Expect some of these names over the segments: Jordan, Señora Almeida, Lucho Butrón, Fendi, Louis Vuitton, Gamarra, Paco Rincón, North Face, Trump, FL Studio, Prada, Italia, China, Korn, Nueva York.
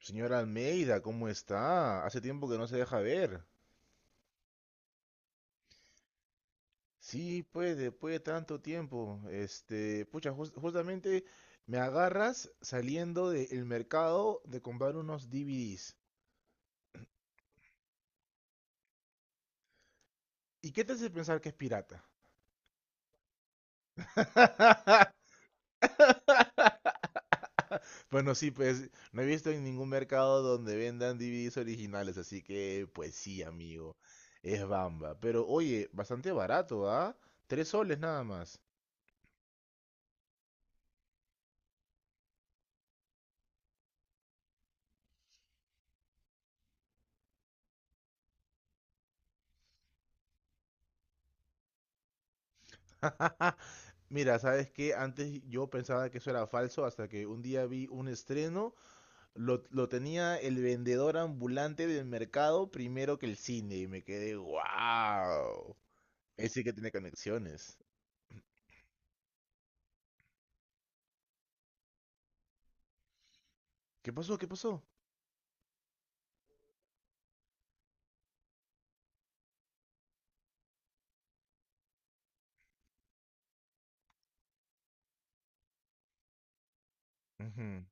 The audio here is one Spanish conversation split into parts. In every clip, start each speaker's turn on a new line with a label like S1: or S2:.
S1: Señora Almeida, ¿cómo está? Hace tiempo que no se deja ver. Sí, pues, después de tanto tiempo, pucha, justamente me agarras saliendo del mercado de comprar unos DVDs. ¿Y qué te hace pensar que es pirata? Bueno, sí, pues, no he visto en ningún mercado donde vendan DVDs originales, así que, pues sí, amigo, es Bamba. Pero, oye, bastante barato, ¿ah? 3 soles nada más. Mira, sabes que antes yo pensaba que eso era falso hasta que un día vi un estreno, lo tenía el vendedor ambulante del mercado primero que el cine y me quedé, wow. Ese que tiene conexiones. ¿Qué pasó? ¿Qué pasó? Ujú.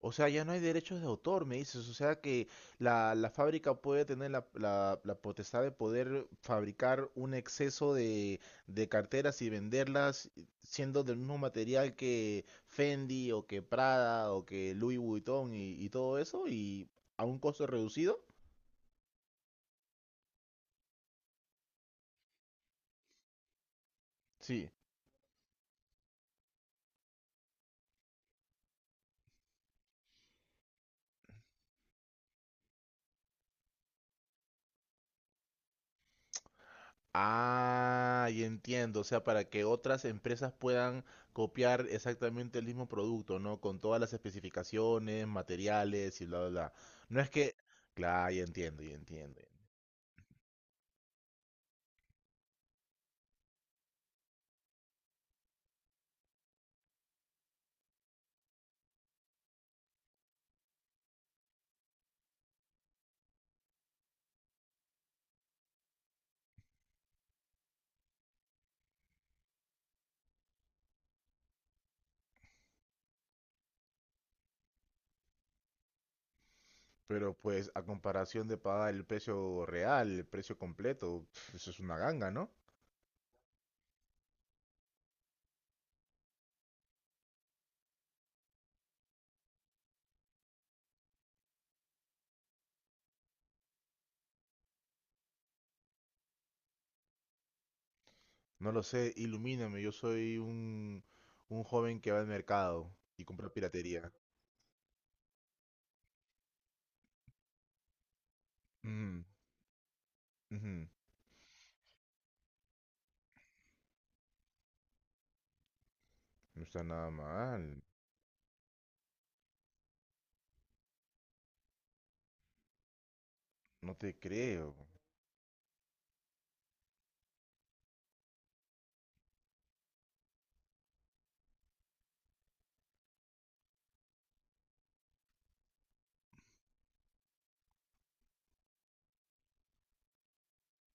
S1: O sea, ya no hay derechos de autor, me dices. O sea que la fábrica puede tener la potestad de poder fabricar un exceso de carteras y venderlas siendo del mismo material que Fendi o que Prada o que Louis Vuitton y todo eso y a un costo reducido. Sí. Ah, y entiendo, o sea, para que otras empresas puedan copiar exactamente el mismo producto, ¿no? Con todas las especificaciones, materiales y bla, bla, bla. No es que, claro, ya entiendo, ya entiendo. Pero pues a comparación de pagar el precio real, el precio completo, pf, eso es una ganga, ¿no? No lo sé, ilumíname, yo soy un joven que va al mercado y compra piratería. Ujú, ujú, no está nada mal, no te creo.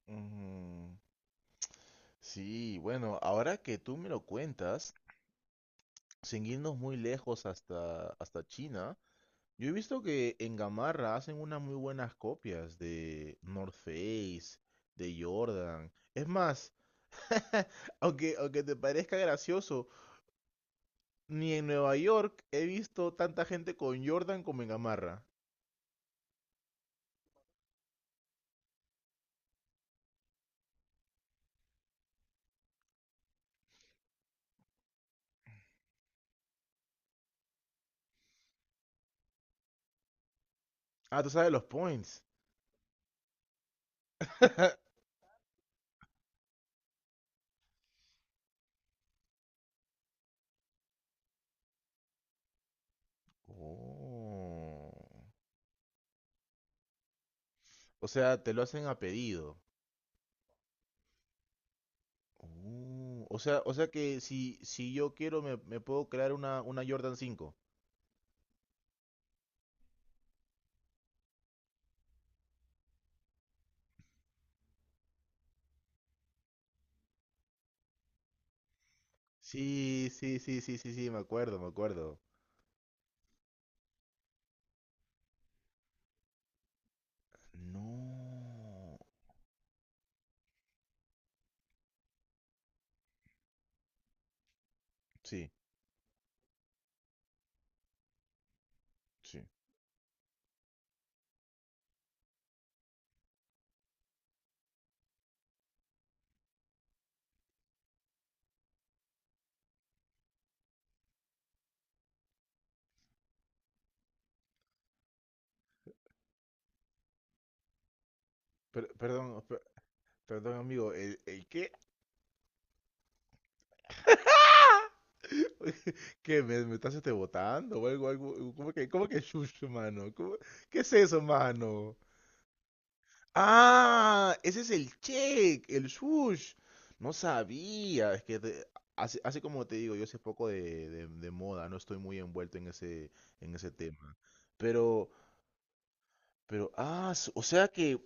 S1: Ujú. Sí, bueno, ahora que tú me lo cuentas, sin irnos muy lejos hasta China, yo he visto que en Gamarra hacen unas muy buenas copias de North Face, de Jordan. Es más, aunque te parezca gracioso, ni en Nueva York he visto tanta gente con Jordan como en Gamarra. Ah, tú sabes los points. Oh. O sea, te lo hacen a pedido. O sea que si yo quiero me puedo crear una Jordan 5. Sí, sí, sí, sí, sí, sí, me acuerdo, me acuerdo. No. Sí, sí. Per- perdón, per- perdón, amigo, ¿el qué? ¿Qué me estás botando o algo, algo? ¿Cómo que chucho, mano? ¿Qué es eso, mano? Ah, ese es el check, el sush. No sabía, es que así como te digo, yo sé poco de moda, no estoy muy envuelto en ese tema. Pero, pero, o sea que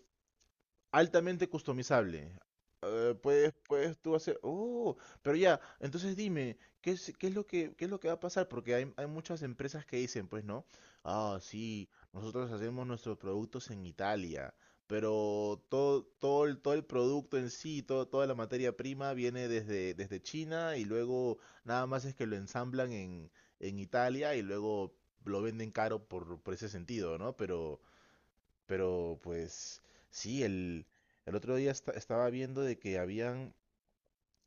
S1: altamente customizable. Puedes tú hacer. Oh, pero ya, entonces dime, qué es lo que, qué es lo que va a pasar? Porque hay muchas empresas que dicen, pues, ¿no? Ah, sí, nosotros hacemos nuestros productos en Italia, pero todo el producto en sí, toda la materia prima viene desde China y luego nada más es que lo ensamblan en Italia y luego lo venden caro por ese sentido, ¿no? Pero. Pero pues sí, el otro día estaba viendo de que habían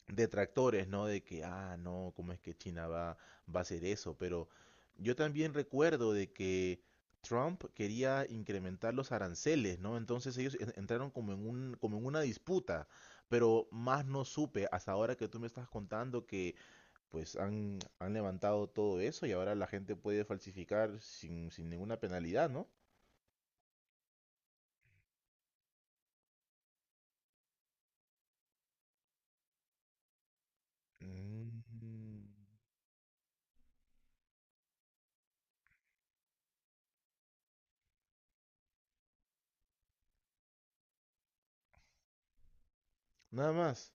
S1: detractores, ¿no? De que, no, ¿cómo es que China va a hacer eso? Pero yo también recuerdo de que Trump quería incrementar los aranceles, ¿no? Entonces ellos entraron como en una disputa, pero más no supe hasta ahora que tú me estás contando que pues han levantado todo eso y ahora la gente puede falsificar sin ninguna penalidad, ¿no? Mm. Nada más.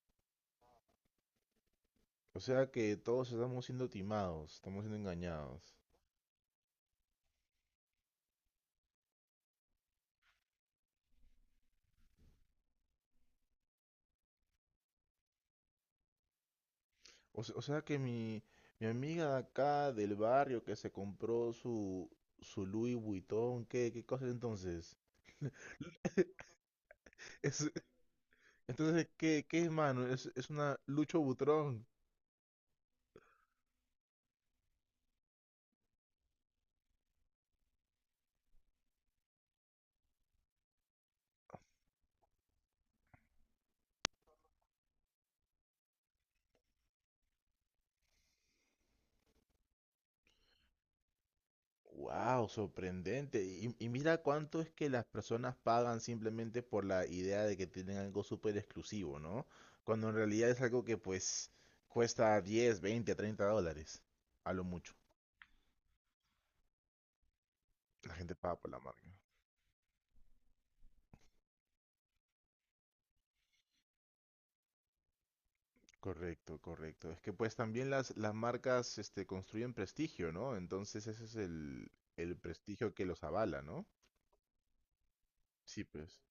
S1: O sea que todos estamos siendo timados, estamos siendo engañados. O sea que mi amiga de acá del barrio que se compró su Louis Vuitton, ¿qué cosa es entonces? Es- entonces, qué es, mano? Es una Lucho Butrón. Wow, sorprendente. Y mira cuánto es que las personas pagan simplemente por la idea de que tienen algo súper exclusivo, ¿no? Cuando en realidad es algo que pues cuesta 10, 20, 30 dólares, a lo mucho. La gente paga por la marca. Correcto, correcto. Es que pues también las marcas construyen prestigio, ¿no? Entonces ese es el prestigio que los avala, ¿no? Sí, pues.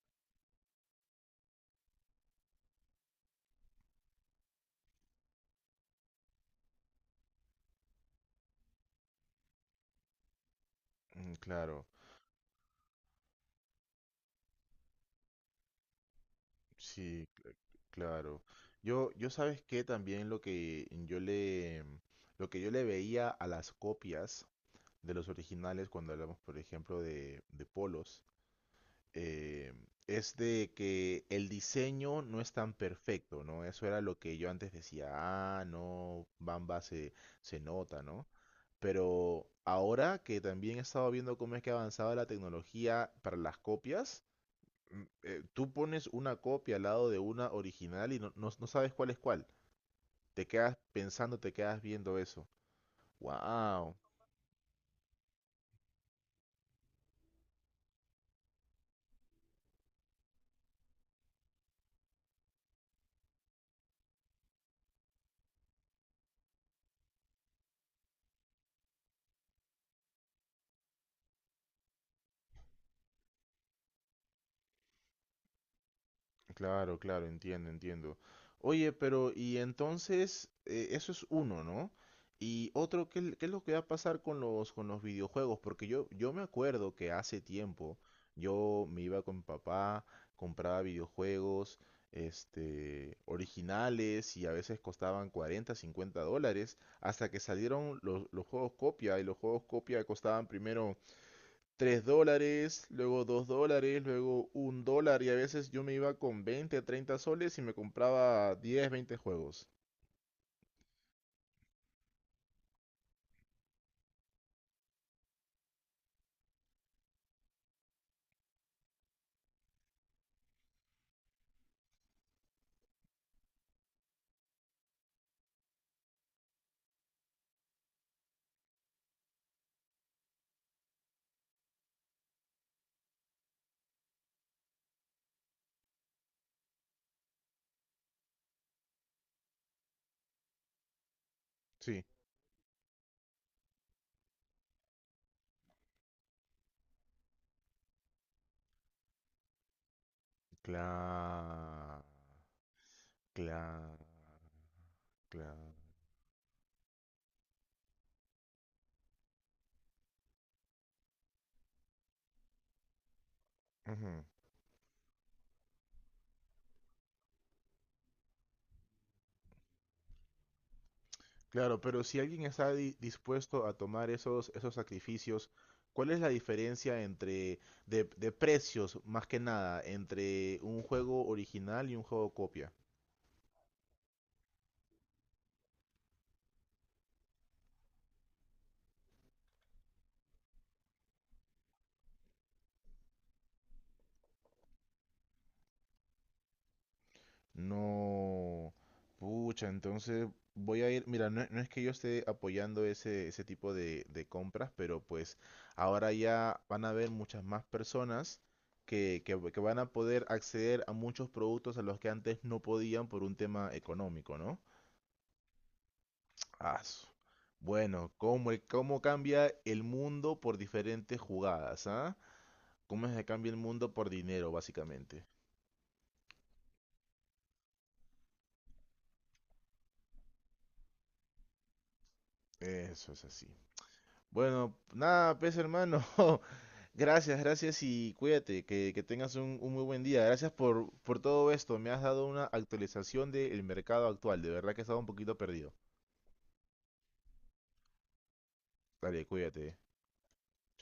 S1: Claro, sí, claro. Yo sabes que también lo que yo le veía a las copias de los originales cuando hablamos, por ejemplo, de polos, eh, es de que el diseño no es tan perfecto, ¿no? Eso era lo que yo antes decía, no, Bamba se nota, ¿no? Pero ahora que también he estado viendo cómo es que ha avanzado la tecnología para las copias, tú pones una copia al lado de una original y no sabes cuál es cuál. Te quedas pensando, te quedas viendo eso. ¡Wow! Claro, claro, entiendo, entiendo. Oye, pero y entonces, eso es uno, ¿no? Y otro, qué es lo que va a pasar con con los videojuegos? Porque yo me acuerdo que hace tiempo yo me iba con mi papá, compraba videojuegos, originales y a veces costaban 40, $50, hasta que salieron los juegos copia y los juegos copia costaban primero $3, luego $2, luego $1 y a veces yo me iba con 20, 30 soles y me compraba 10, 20 juegos. Sí. Claro, claro, claro. Ujú. Claro, pero si alguien está dispuesto a tomar esos sacrificios, ¿cuál es la diferencia entre de precios, más que nada, entre un juego original y un juego copia? No, pucha, entonces voy a ir, mira, no, no es que yo esté apoyando ese tipo de compras, pero pues ahora ya van a haber muchas más personas que van a poder acceder a muchos productos a los que antes no podían por un tema económico, ¿no? Ah, su- Bueno, cómo cambia el mundo por diferentes jugadas, ¿ah? ¿Cómo es que cambia el mundo por dinero, básicamente? Eso es así. Bueno, nada, pues hermano. Gracias, gracias y cuídate, que tengas un muy buen día. Gracias por todo esto. Me has dado una actualización del mercado actual. De verdad que estaba un poquito perdido. Dale, cuídate.